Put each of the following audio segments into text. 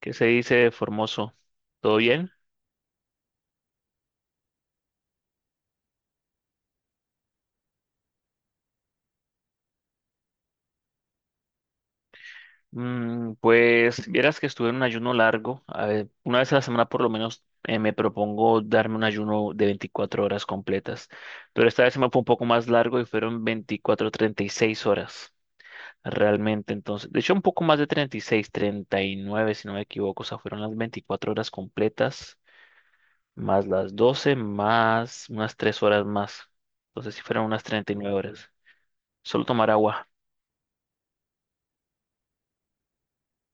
¿Qué se dice, Formoso? ¿Todo bien? Pues vieras que estuve en un ayuno largo. A ver, una vez a la semana por lo menos me propongo darme un ayuno de 24 horas completas. Pero esta vez se me fue un poco más largo y fueron 24, 36 horas realmente. Entonces, de hecho un poco más de 36, 39 si no me equivoco. O sea, fueron las 24 horas completas más las 12 más unas 3 horas más. Entonces sí fueron unas 39 horas. Solo tomar agua.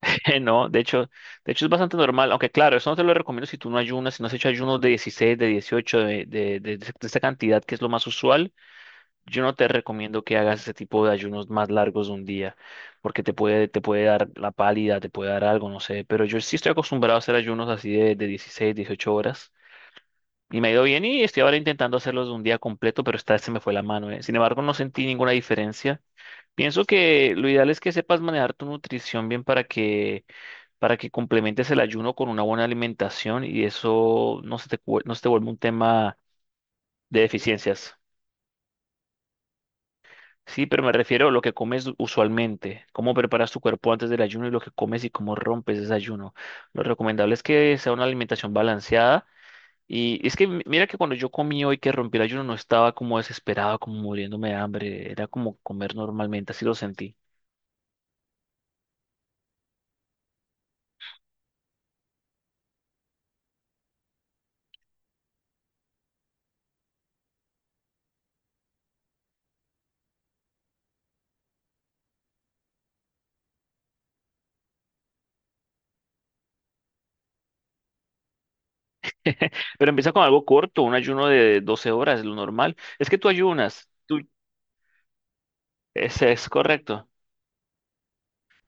No, de hecho es bastante normal, aunque claro, eso no te lo recomiendo si tú no ayunas, si no has hecho ayunos de 16, de 18, de esta cantidad que es lo más usual. Yo no te recomiendo que hagas ese tipo de ayunos más largos de un día, porque te puede dar la pálida, te puede dar algo, no sé, pero yo sí estoy acostumbrado a hacer ayunos así de 16, 18 horas, y me ha ido bien y estoy ahora intentando hacerlos de un día completo, pero esta vez se me fue la mano, eh. Sin embargo, no sentí ninguna diferencia. Pienso que lo ideal es que sepas manejar tu nutrición bien para que complementes el ayuno con una buena alimentación y eso no se te, cu- no se te vuelve un tema de deficiencias. Sí, pero me refiero a lo que comes usualmente, cómo preparas tu cuerpo antes del ayuno y lo que comes y cómo rompes ese ayuno. Lo recomendable es que sea una alimentación balanceada. Y es que mira que cuando yo comí hoy que rompí el ayuno no estaba como desesperado, como muriéndome de hambre, era como comer normalmente, así lo sentí. Pero empieza con algo corto, un ayuno de 12 horas, lo normal. Es que tú ayunas, tú, ese es correcto.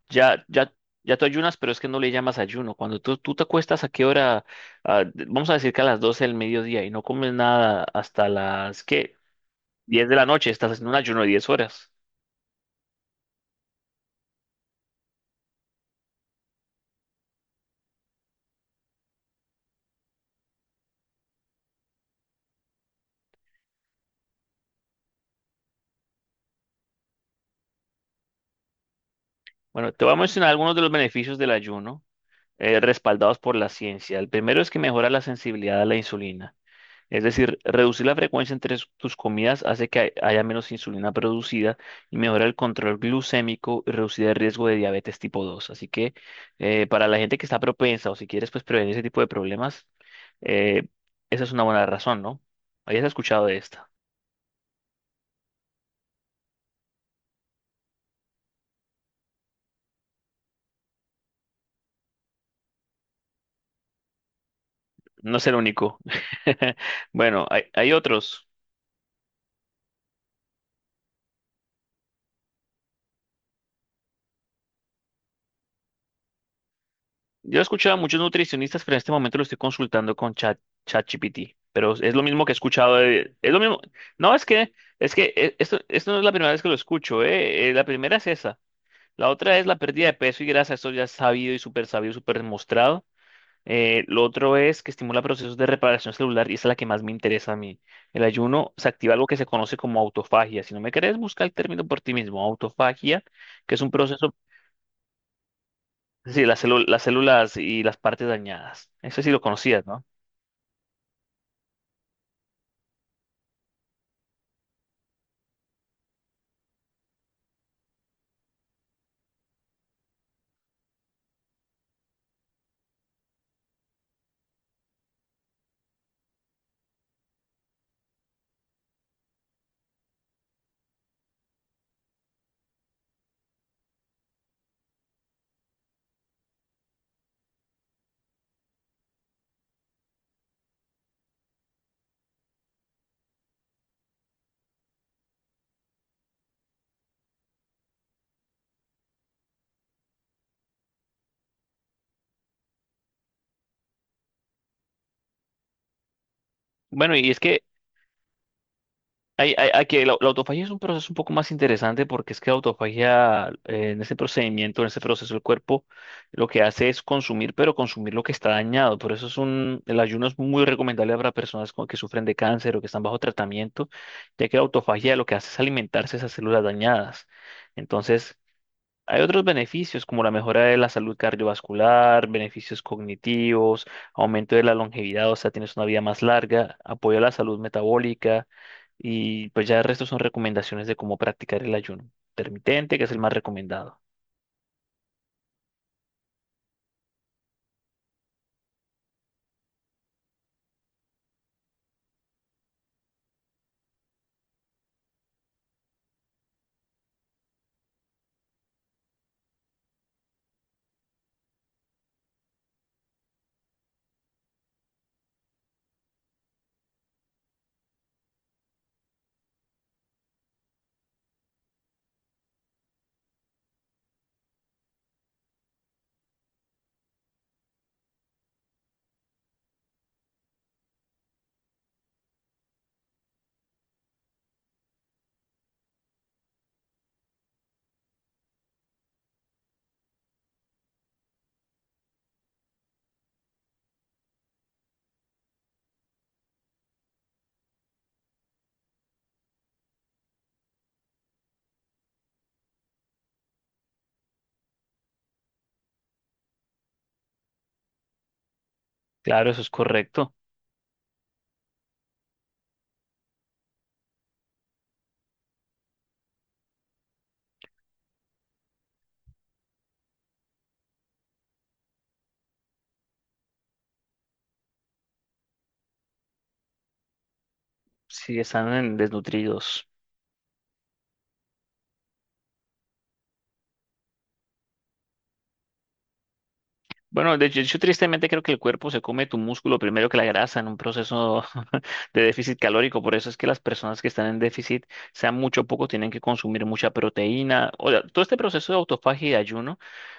Ya, ya, ya tú ayunas, pero es que no le llamas ayuno. Cuando tú te acuestas, ¿a qué hora? Ah, vamos a decir que a las 12 del mediodía y no comes nada hasta las, ¿qué? 10 de la noche. Estás haciendo un ayuno de 10 horas. Bueno, te voy a mencionar algunos de los beneficios del ayuno respaldados por la ciencia. El primero es que mejora la sensibilidad a la insulina. Es decir, reducir la frecuencia entre tus comidas hace que haya menos insulina producida y mejora el control glucémico y reducir el riesgo de diabetes tipo 2. Así que para la gente que está propensa o si quieres pues prevenir ese tipo de problemas, eh, esa es una buena razón, ¿no? Habías escuchado de esta. No es el único. Bueno, hay otros. Yo he escuchado a muchos nutricionistas, pero en este momento lo estoy consultando con ChatGPT. Pero es lo mismo que he escuchado es lo mismo. No, es que esto no es la primera vez que lo escucho. La primera es esa. La otra es la pérdida de peso y grasa. Esto ya es sabido y súper sabido, súper demostrado. Lo otro es que estimula procesos de reparación celular y esa es la que más me interesa a mí. El ayuno se activa algo que se conoce como autofagia. Si no me crees, busca el término por ti mismo, autofagia, que es un proceso. Sí, las las células y las partes dañadas. Eso sí lo conocías, ¿no? Bueno, y es que la autofagia es un proceso un poco más interesante porque es que la autofagia, en ese procedimiento, en ese proceso, el cuerpo lo que hace es consumir, pero consumir lo que está dañado. Por eso es un, el ayuno es muy recomendable para personas que sufren de cáncer o que están bajo tratamiento, ya que la autofagia lo que hace es alimentarse esas células dañadas. Entonces, hay otros beneficios como la mejora de la salud cardiovascular, beneficios cognitivos, aumento de la longevidad, o sea, tienes una vida más larga, apoyo a la salud metabólica, y pues ya el resto son recomendaciones de cómo practicar el ayuno intermitente, que es el más recomendado. Claro, eso es correcto. Si están desnutridos. Bueno, de hecho, yo tristemente creo que el cuerpo se come tu músculo primero que la grasa en un proceso de déficit calórico. Por eso es que las personas que están en déficit, sea mucho o poco, tienen que consumir mucha proteína. O sea, todo este proceso de autofagia y de ayuno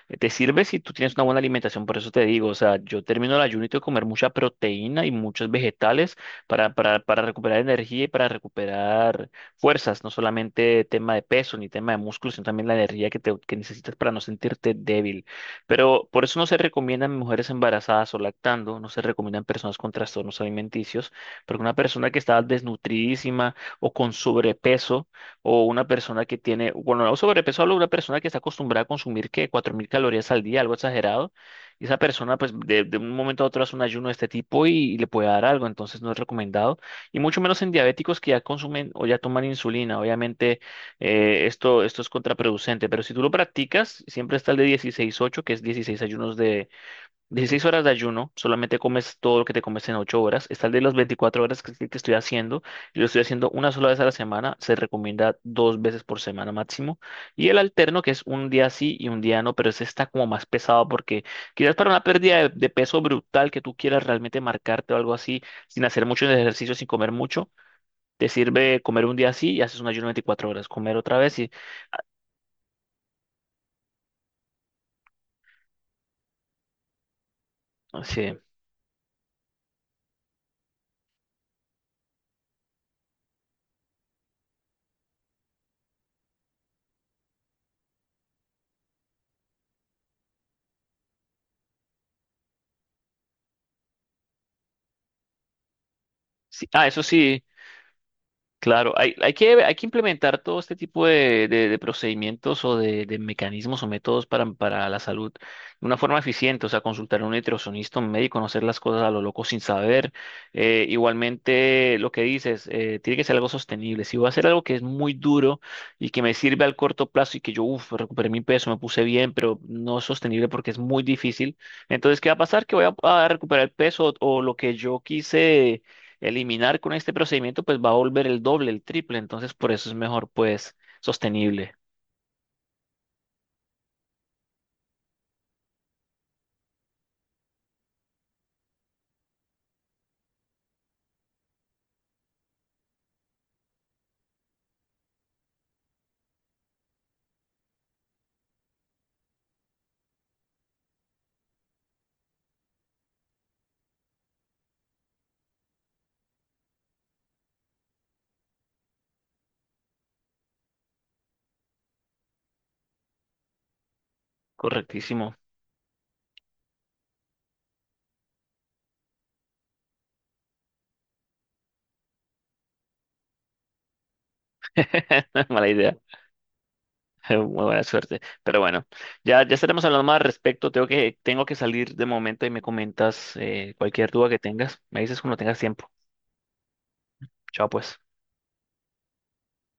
te sirve si tú tienes una buena alimentación. Por eso te digo, o sea, yo termino el ayuno y tengo que comer mucha proteína y muchos vegetales para recuperar energía y para recuperar fuerzas. No solamente tema de peso ni tema de músculo, sino también la energía que necesitas para no sentirte débil. Pero por eso no se recomiendan mujeres embarazadas o lactando, no se recomiendan personas con trastornos alimenticios, porque una persona que está desnutridísima o con sobrepeso, o una persona que tiene, bueno, no sobrepeso, hablo de una persona que está acostumbrada a consumir, ¿qué? 4.000 calorías al día, algo exagerado, y esa persona, pues, de un momento a otro hace un ayuno de este tipo y le puede dar algo, entonces no es recomendado, y mucho menos en diabéticos que ya consumen o ya toman insulina, obviamente esto, esto es contraproducente, pero si tú lo practicas, siempre está el de 16/8, que es 16 ayunos de 16 horas de ayuno, solamente comes todo lo que te comes en 8 horas. Está el de las 24 horas que estoy haciendo, y lo estoy haciendo una sola vez a la semana, se recomienda dos veces por semana máximo. Y el alterno, que es un día sí y un día no, pero ese está como más pesado porque quizás para una pérdida de peso brutal que tú quieras realmente marcarte o algo así, sin hacer mucho ejercicio, sin comer mucho. Te sirve comer un día así y haces un ayuno 24 horas, comer otra vez y sí, sí. Ah, eso sí, claro. Hay, hay que implementar todo este tipo de, de procedimientos o de mecanismos o métodos para la salud de una forma eficiente. O sea, consultar a un nutricionista, un médico, no hacer las cosas a lo loco sin saber. Igualmente, lo que dices, tiene que ser algo sostenible. Si voy a hacer algo que es muy duro y que me sirve al corto plazo y que yo, uff, recuperé mi peso, me puse bien, pero no es sostenible porque es muy difícil. Entonces, ¿qué va a pasar? Que voy a recuperar el peso o lo que yo quise eliminar con este procedimiento, pues va a volver el doble, el triple. Entonces, por eso es mejor, pues, sostenible. Correctísimo. No es mala idea. Muy buena suerte. Pero bueno, ya, ya estaremos hablando más al respecto. Tengo que salir de momento y me comentas cualquier duda que tengas. Me dices cuando tengas tiempo. Chao, pues.